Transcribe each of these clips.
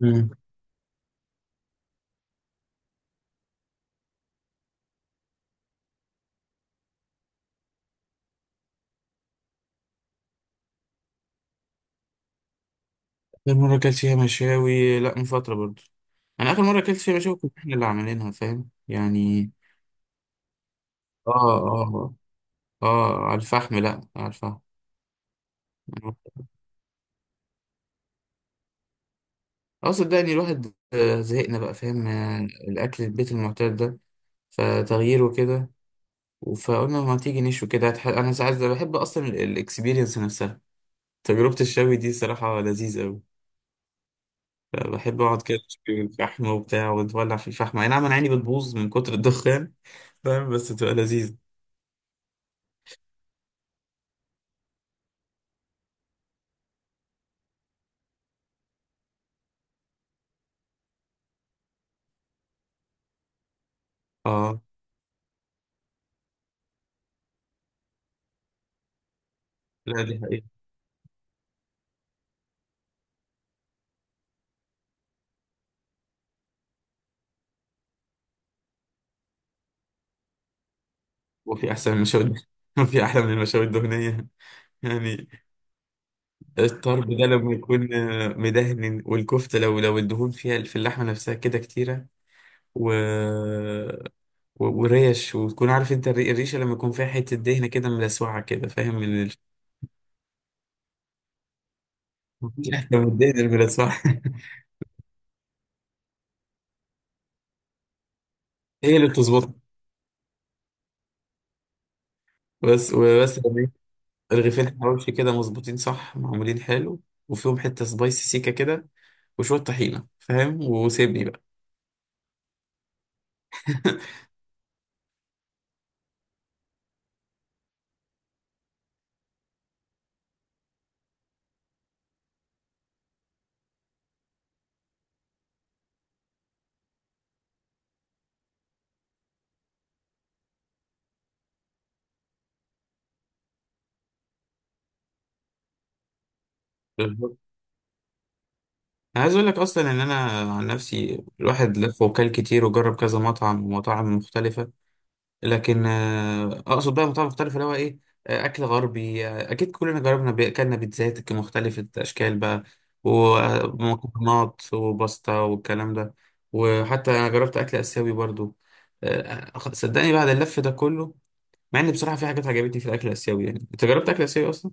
مم. آخر مرة أكلت فيها مشاوي، لأ، من فترة برضو. أنا آخر مرة أكلت فيها مشاوي كنا إحنا اللي عاملينها، فاهم يعني. آه، آه، آه، على الفحم، لأ، على الفحم. اه صدقني الواحد، زهقنا بقى، فاهم، الاكل البيت المعتاد ده، فتغييره كده. فقلنا ما تيجي نشوي كده، انا ساعات بحب اصلا الاكسبيرينس نفسها. تجربة الشوي دي صراحة لذيذة أوي. بحب أقعد كده أشوي الفحم وبتاع، ونولع في الفحم، أي نعم، أنا عيني بتبوظ من كتر الدخان، فاهم، بس تبقى لذيذة. اه، لا، دي حقيقة. وفي أحسن من المشاوي وفي أحلى من المشاوي الدهنية، يعني الطرب ده لما يكون مدهن، والكفتة لو الدهون فيها في اللحمة نفسها كده كتيرة، و... و... وريش، وتكون عارف أنت الريشة لما يكون فيها حتة دهنة كده ملسوعة كده، فاهم. مفيش أحلى من الدهن الملسوعة هي اللي بتظبطها. بس لما يكون رغيفين حواوشي كده مظبوطين صح، معمولين حلو، وفيهم حتة سبايسي سيكة كده، وشوية طحينة، فاهم، وسيبني بقى. بالظبط. انا عايز اقول لك اصلا ان انا عن نفسي، الواحد لف وكل كتير، وجرب كذا مطعم ومطاعم مختلفه. لكن اقصد بقى مطاعم مختلفه، اللي هو ايه، اكل غربي، اكيد كلنا جربنا اكلنا بيتزات مختلفه اشكال بقى، ومكرونات وباستا والكلام ده، وحتى انا جربت اكل اسيوي برضو. صدقني بعد اللف ده كله، مع ان بصراحه في حاجات عجبتني في الاكل الاسيوي. يعني انت جربت اكل اسيوي اصلا؟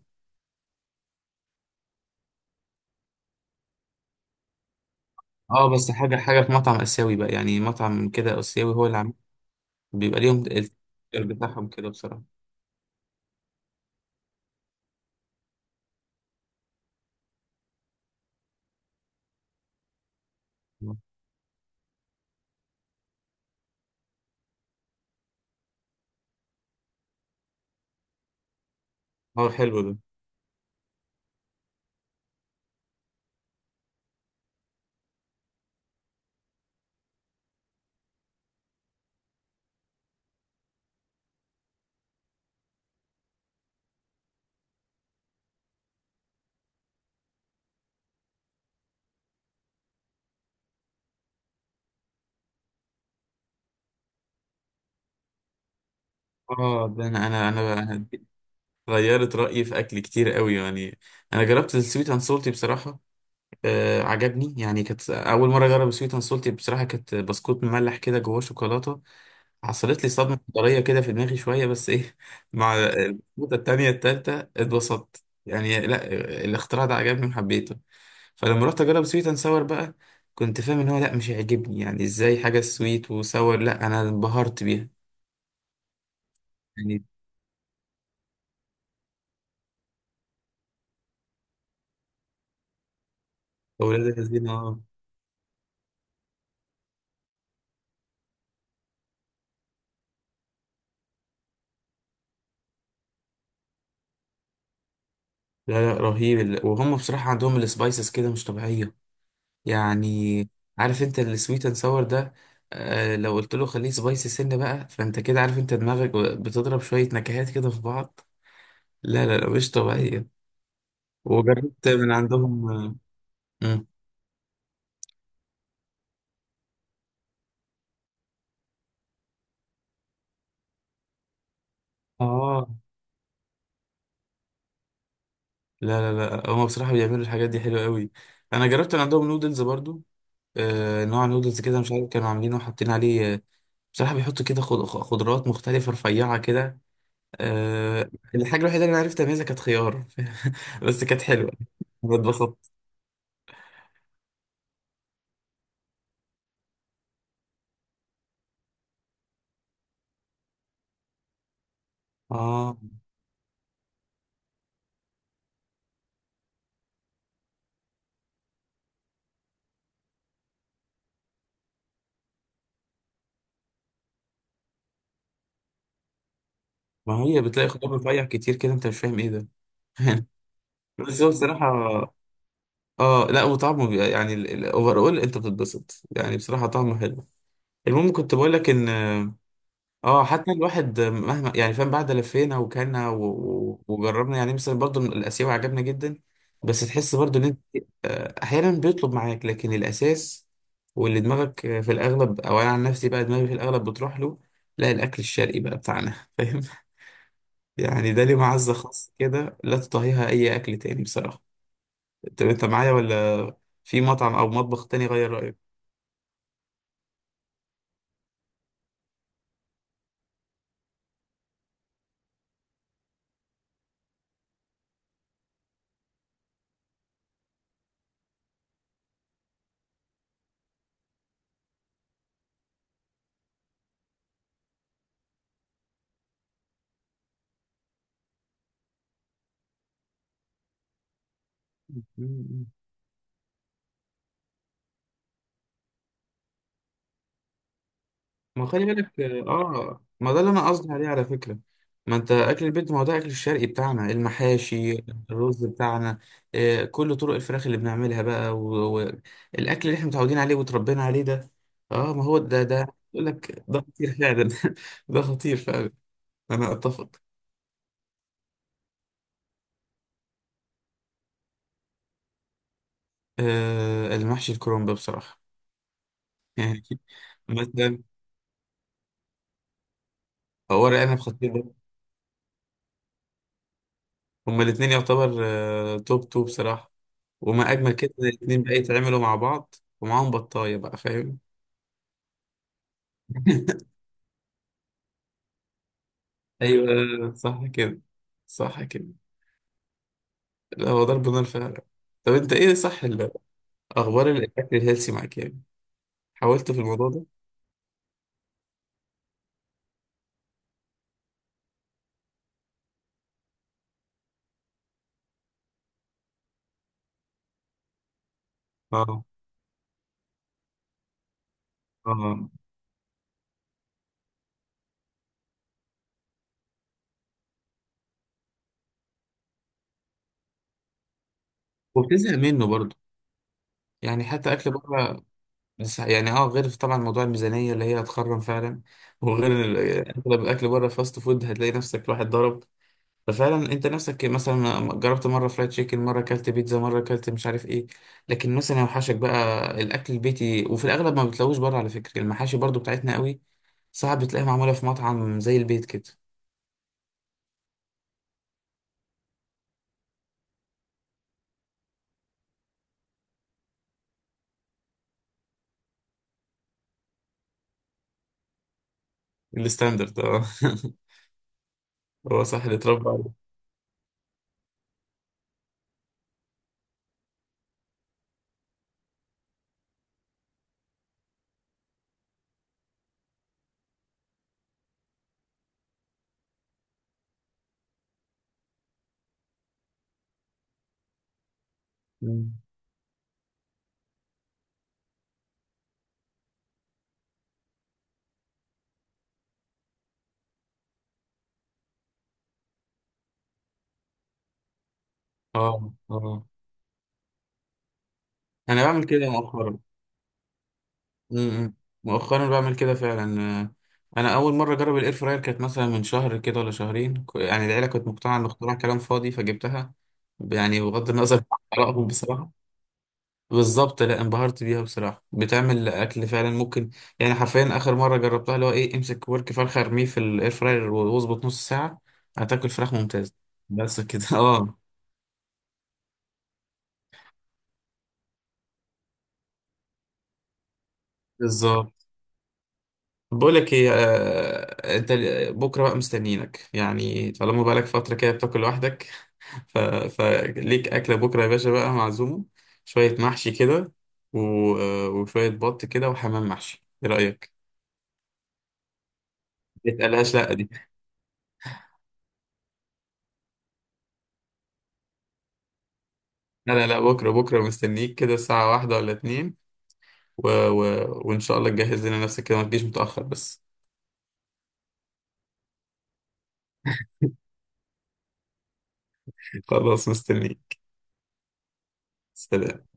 اه، بس حاجه حاجه في مطعم اسيوي بقى، يعني مطعم كده اسيوي هو اللي عامل، بيبقى ليهم التفكير بتاعهم كده، بصراحة. هو حلو ده. اه، ده انا انا انا أنا غيرت رأيي في اكل كتير قوي، يعني. انا جربت السويت اند سولتي، بصراحة عجبني، يعني كانت اول مرة اجرب السويت اند سولتي، بصراحة كانت بسكوت مملح كده جواه شوكولاتة. حصلت لي صدمة حضارية كده في دماغي شوية، بس ايه، مع البسكوتة التانية التالتة اتبسطت، يعني لا، الاختراع ده عجبني وحبيته. فلما رحت اجرب سويت اند ساور بقى، كنت فاهم ان هو لا مش هيعجبني، يعني ازاي حاجه سويت وساور، لا انا انبهرت بيها، يعني اولاد الذين اه. لا، لا، رهيب، وهم بصراحه عندهم السبايسز كده مش طبيعيه، يعني. عارف انت السويت اند ساور ده؟ لو قلت له خليه سبايسي سنه بقى، فانت كده عارف، انت دماغك بتضرب شويه نكهات كده في بعض، لا، لا، لا، مش طبيعيه. وجربت من عندهم. مم. آه، لا، لا، لا، هم بصراحه بيعملوا الحاجات دي حلوه قوي. انا جربت من عندهم نودلز برضو، نوع نودلز كده مش عارف كانوا عاملينه وحاطين عليه. بصراحة بيحطوا كده خضروات مختلفة رفيعة كده، الحاجة الوحيدة اللي أنا عرفت أميزها كانت خيار، بس كانت حلوة. أنا اتبسطت. آه، ما هي بتلاقي خضار رفيع كتير كده، أنت مش فاهم إيه ده. بس هو بصراحة، آه، لا، وطعمه يعني الأوفر أول أنت بتتبسط، يعني بصراحة طعمه حلو. المهم كنت بقول لك إن اه حتى الواحد مهما، يعني فاهم، بعد لفينا وكلنا وجربنا، يعني مثلا برضو الاسيوي عجبنا جدا. بس تحس برضو ان انت احيانا بيطلب معاك، لكن الاساس واللي دماغك في الاغلب، او انا عن نفسي بقى دماغي في الاغلب بتروح له لا الاكل الشرقي بقى بتاعنا. فاهم، يعني ده ليه معزة خاصة كده، لا تطهيها اي اكل تاني بصراحة. طب انت معايا ولا في مطعم او مطبخ تاني غير رأيك؟ ما خلي بالك، ما ده اللي انا قصدي عليه على فكره، ما انت اكل البيت ما هو ده اكل الشرقي بتاعنا، المحاشي، الرز بتاعنا، آه، كل طرق الفراخ اللي بنعملها بقى، والاكل اللي احنا متعودين عليه وتربينا عليه ده، اه ما هو ده يقول لك ده خطير فعلا. ده خطير فعلا، انا اتفق. آه، المحشي الكرنب بصراحه. يعني مثلا، ورق عنب خطير ده، هما الاثنين يعتبر توب توب بصراحه، وما اجمل كده إن الاتنين بقى يتعملوا مع بعض، ومعاهم بطاية بقى، فاهم. ايوه، صح كده، صح كده، لا هو ضرب نار فعلا. طب انت ايه، صح، اخبار الاكل الهيلثي معاك، يعني حاولت في الموضوع ده؟ اه، اه، وبتزهق منه برضه، يعني حتى اكل بره، يعني غير طبعا موضوع الميزانيه اللي هي هتخرم فعلا، وغير اغلب الاكل بره فاست فود، هتلاقي نفسك الواحد ضرب. ففعلا انت نفسك مثلا جربت مره فرايد تشيكن، مره اكلت بيتزا، مره اكلت مش عارف ايه، لكن مثلا يوحشك بقى الاكل البيتي، وفي الاغلب ما بتلاقوش بره، على فكره المحاشي برضو بتاعتنا قوي، صعب تلاقيها معموله في مطعم زي البيت كده. الستاندرد، اه. هو صح اللي اتربى عليه. مم. اه، اه، انا بعمل كده مؤخرا. امم مؤخرا بعمل كده فعلا. انا اول مره اجرب الاير فراير كانت مثلا من شهر كده ولا شهرين يعني العيله كانت مقتنعه ان اختراع كلام فاضي، فجبتها يعني بغض النظر عن ارائهم بصراحه. بالظبط، لا، انبهرت بيها بصراحه، بتعمل اكل فعلا ممكن، يعني حرفيا اخر مره جربتها اللي هو ايه، امسك ورك فرخه ارميه في الاير فراير واظبط نص ساعه، هتاكل فراخ ممتازه. بس كده. اه، بالظبط. بقول لك ايه، انت بكره بقى مستنيينك، يعني طالما بقالك فتره كده بتاكل لوحدك، ف... فليك أكلة بكرة يا باشا بقى، معزومة. شوية محشي كده، و... آه، وشوية بط كده وحمام محشي، إيه رأيك؟ ما تقلقهاش، لأ، دي، لا، لا، لا، بكرة بكرة مستنيك كده، الساعة واحدة ولا اتنين، وإن شاء الله تجهز لنا نفسك كده، ما تجيش متأخر بس. خلاص مستنيك. سلام.